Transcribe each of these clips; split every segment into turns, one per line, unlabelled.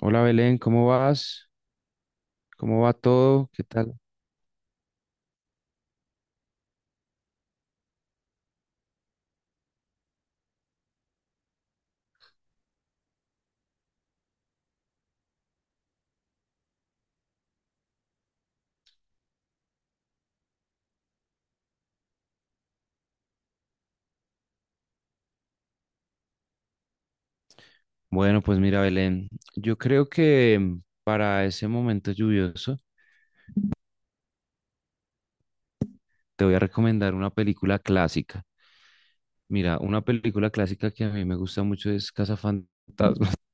Hola Belén, ¿cómo vas? ¿Cómo va todo? ¿Qué tal? Bueno, pues mira Belén, yo creo que para ese momento lluvioso te voy a recomendar una película clásica. Mira, una película clásica que a mí me gusta mucho es Cazafantasmas.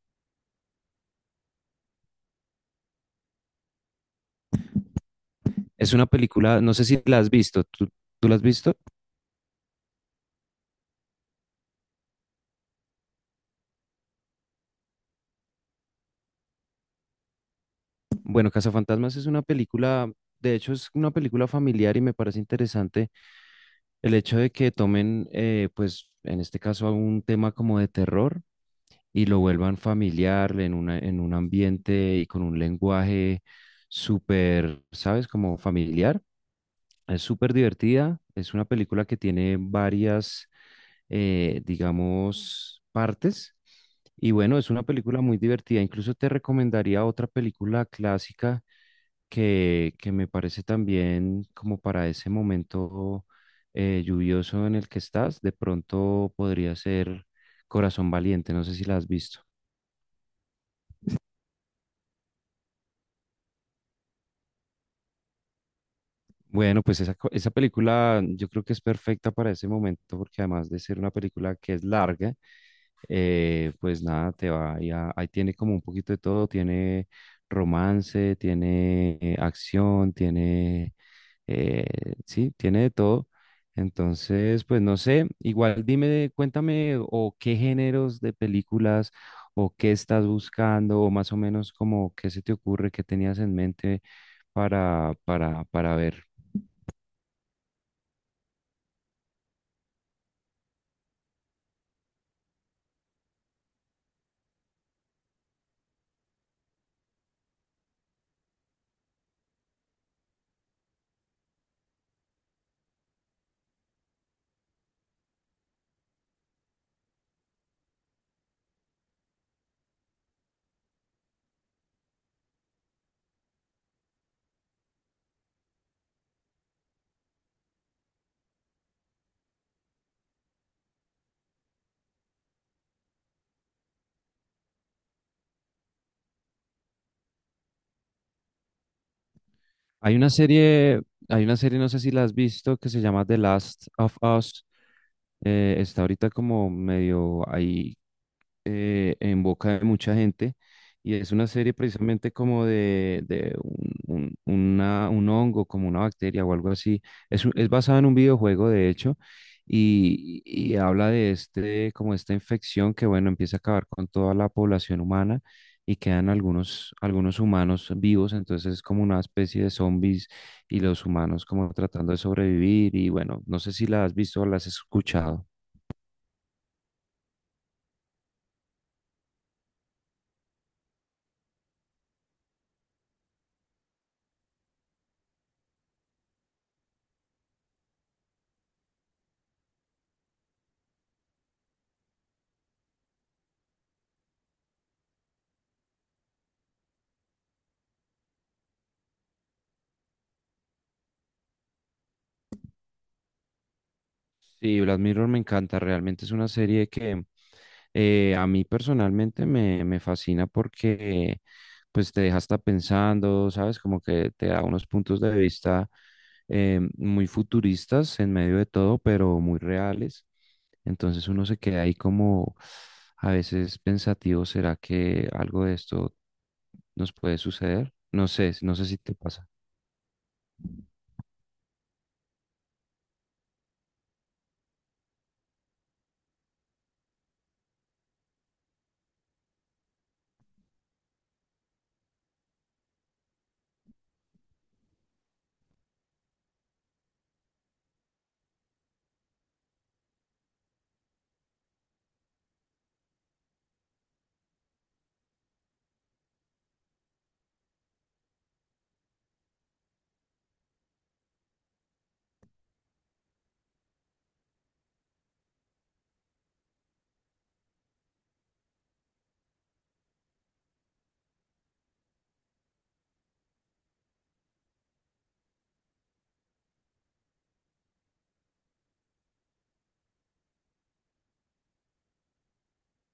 Es una película, no sé si la has visto, ¿tú la has visto? Bueno, Cazafantasmas es una película, de hecho es una película familiar y me parece interesante el hecho de que tomen, pues en este caso, algún tema como de terror y lo vuelvan familiar en una, en un ambiente y con un lenguaje súper, ¿sabes? Como familiar. Es súper divertida. Es una película que tiene varias, digamos, partes. Y bueno, es una película muy divertida. Incluso te recomendaría otra película clásica que me parece también como para ese momento lluvioso en el que estás. De pronto podría ser Corazón Valiente. No sé si la has visto. Bueno, pues esa, esa película yo creo que es perfecta para ese momento porque además de ser una película que es larga, pues nada, te va, ahí ahí tiene como un poquito de todo, tiene romance, tiene acción, tiene, eh, sí, tiene de todo. Entonces, pues no sé, igual dime, cuéntame o qué géneros de películas o qué estás buscando o más o menos como qué se te ocurre, qué tenías en mente para ver. Hay una serie, hay una serie, no sé si la has visto, que se llama The Last of Us. Está ahorita como medio ahí en boca de mucha gente y es una serie precisamente como de un, un hongo, como una bacteria o algo así. Es, es basada en un videojuego, de hecho, y habla de este, como esta infección que, bueno, empieza a acabar con toda la población humana y quedan algunos, algunos humanos vivos, entonces es como una especie de zombies y los humanos como tratando de sobrevivir y bueno, no sé si la has visto o la has escuchado. Sí, Black Mirror me encanta, realmente es una serie que a mí personalmente me, me fascina porque pues te deja hasta pensando, ¿sabes? Como que te da unos puntos de vista muy futuristas en medio de todo, pero muy reales. Entonces uno se queda ahí como a veces pensativo, ¿será que algo de esto nos puede suceder? No sé, no sé si te pasa.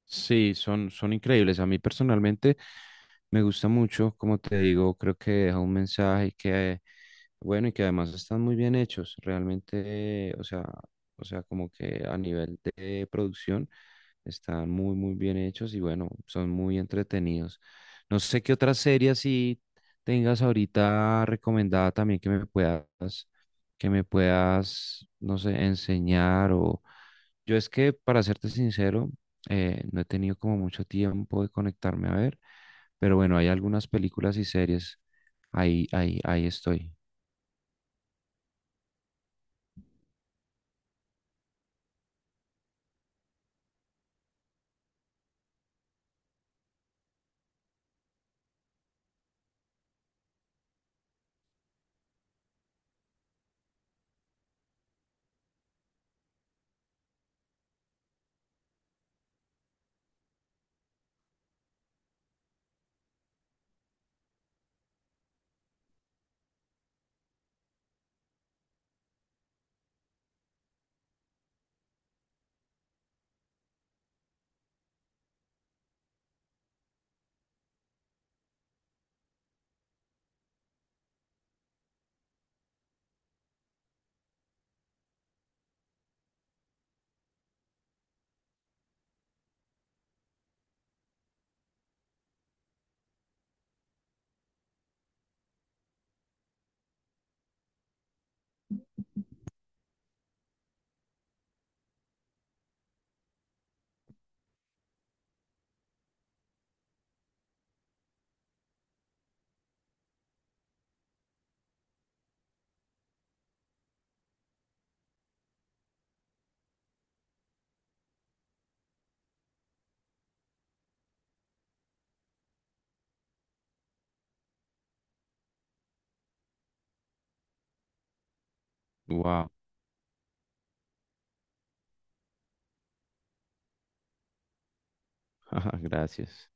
Sí, son, son increíbles. A mí personalmente me gusta mucho, como te digo, creo que deja un mensaje que, bueno, y que además están muy bien hechos, realmente, o sea, como que a nivel de producción. Están muy, muy bien hechos y bueno, son muy entretenidos. No sé qué otra serie así tengas ahorita recomendada también que me puedas, no sé, enseñar o... Yo es que, para serte sincero, no he tenido como mucho tiempo de conectarme a ver, pero bueno, hay algunas películas y series. Ahí estoy. Wow, gracias.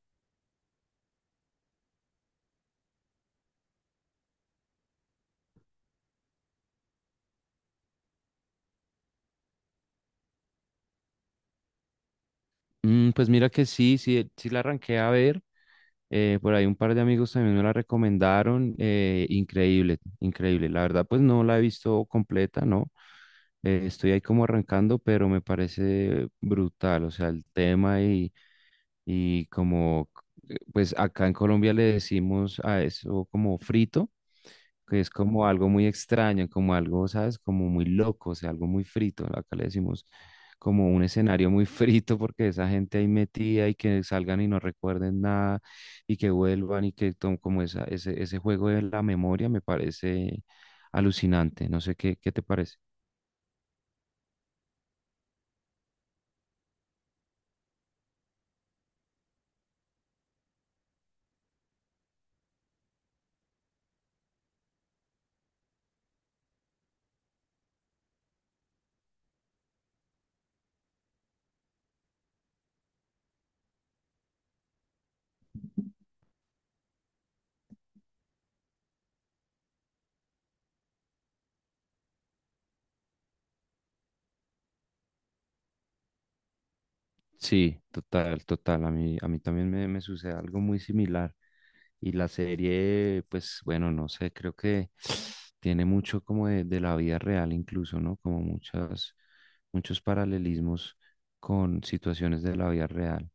Mm, pues mira que sí la arranqué a ver. Por ahí un par de amigos también me la recomendaron. Increíble, increíble. La verdad, pues no la he visto completa, ¿no? Estoy ahí como arrancando, pero me parece brutal. O sea, el tema y, y como, pues acá en Colombia le decimos a eso como frito, que es como algo muy extraño, como algo, ¿sabes? Como muy loco, o sea, algo muy frito. ¿No? Acá le decimos como un escenario muy frito porque esa gente ahí metida y que salgan y no recuerden nada y que vuelvan y que tomen como esa, ese juego de la memoria me parece alucinante. No sé qué, qué te parece. Sí, total, total. A mí también me sucede algo muy similar. Y la serie, pues bueno, no sé, creo que tiene mucho como de la vida real incluso, ¿no? Como muchas, muchos paralelismos con situaciones de la vida real.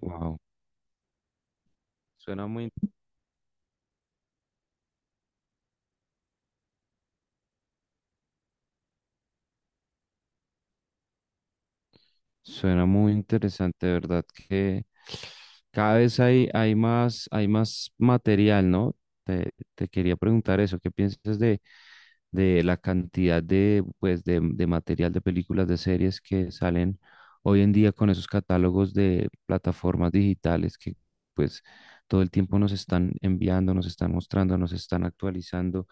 Wow. Suena muy, suena muy interesante, de ¿verdad? Que cada vez hay, hay más material, ¿no? Te quería preguntar eso, ¿qué piensas de la cantidad de, pues, de material de películas, de series que salen hoy en día con esos catálogos de plataformas digitales que pues todo el tiempo nos están enviando, nos están mostrando, nos están actualizando.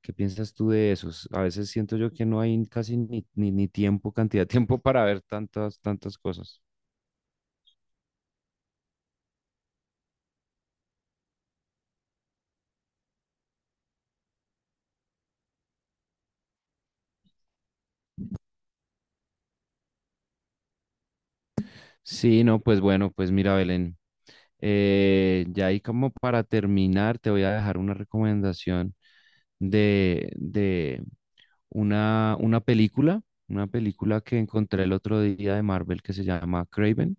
¿Qué piensas tú de esos? A veces siento yo que no hay casi ni, ni tiempo, cantidad de tiempo para ver tantas, tantas cosas. Sí, no, pues bueno, pues mira, Belén, ya ahí como para terminar, te voy a dejar una recomendación de, de, una, una película, una película que encontré el otro día de Marvel que se llama Kraven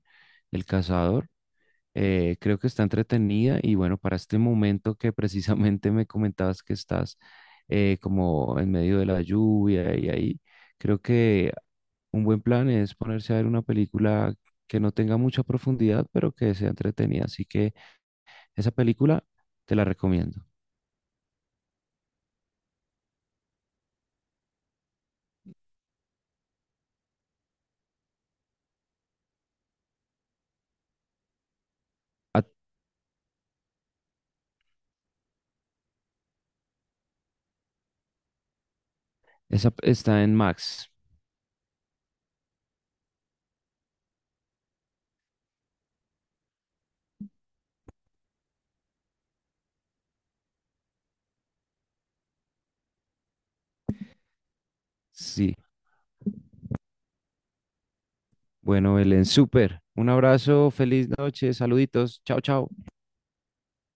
el cazador. Creo que está entretenida y bueno, para este momento que precisamente me comentabas que estás como en medio de la lluvia y ahí, creo que un buen plan es ponerse a ver una película que no tenga mucha profundidad, pero que sea entretenida. Así que esa película te la recomiendo. Ah, esa está en Max. Sí, bueno, Belén, súper. Un abrazo, feliz noche, saluditos. Chao, chao.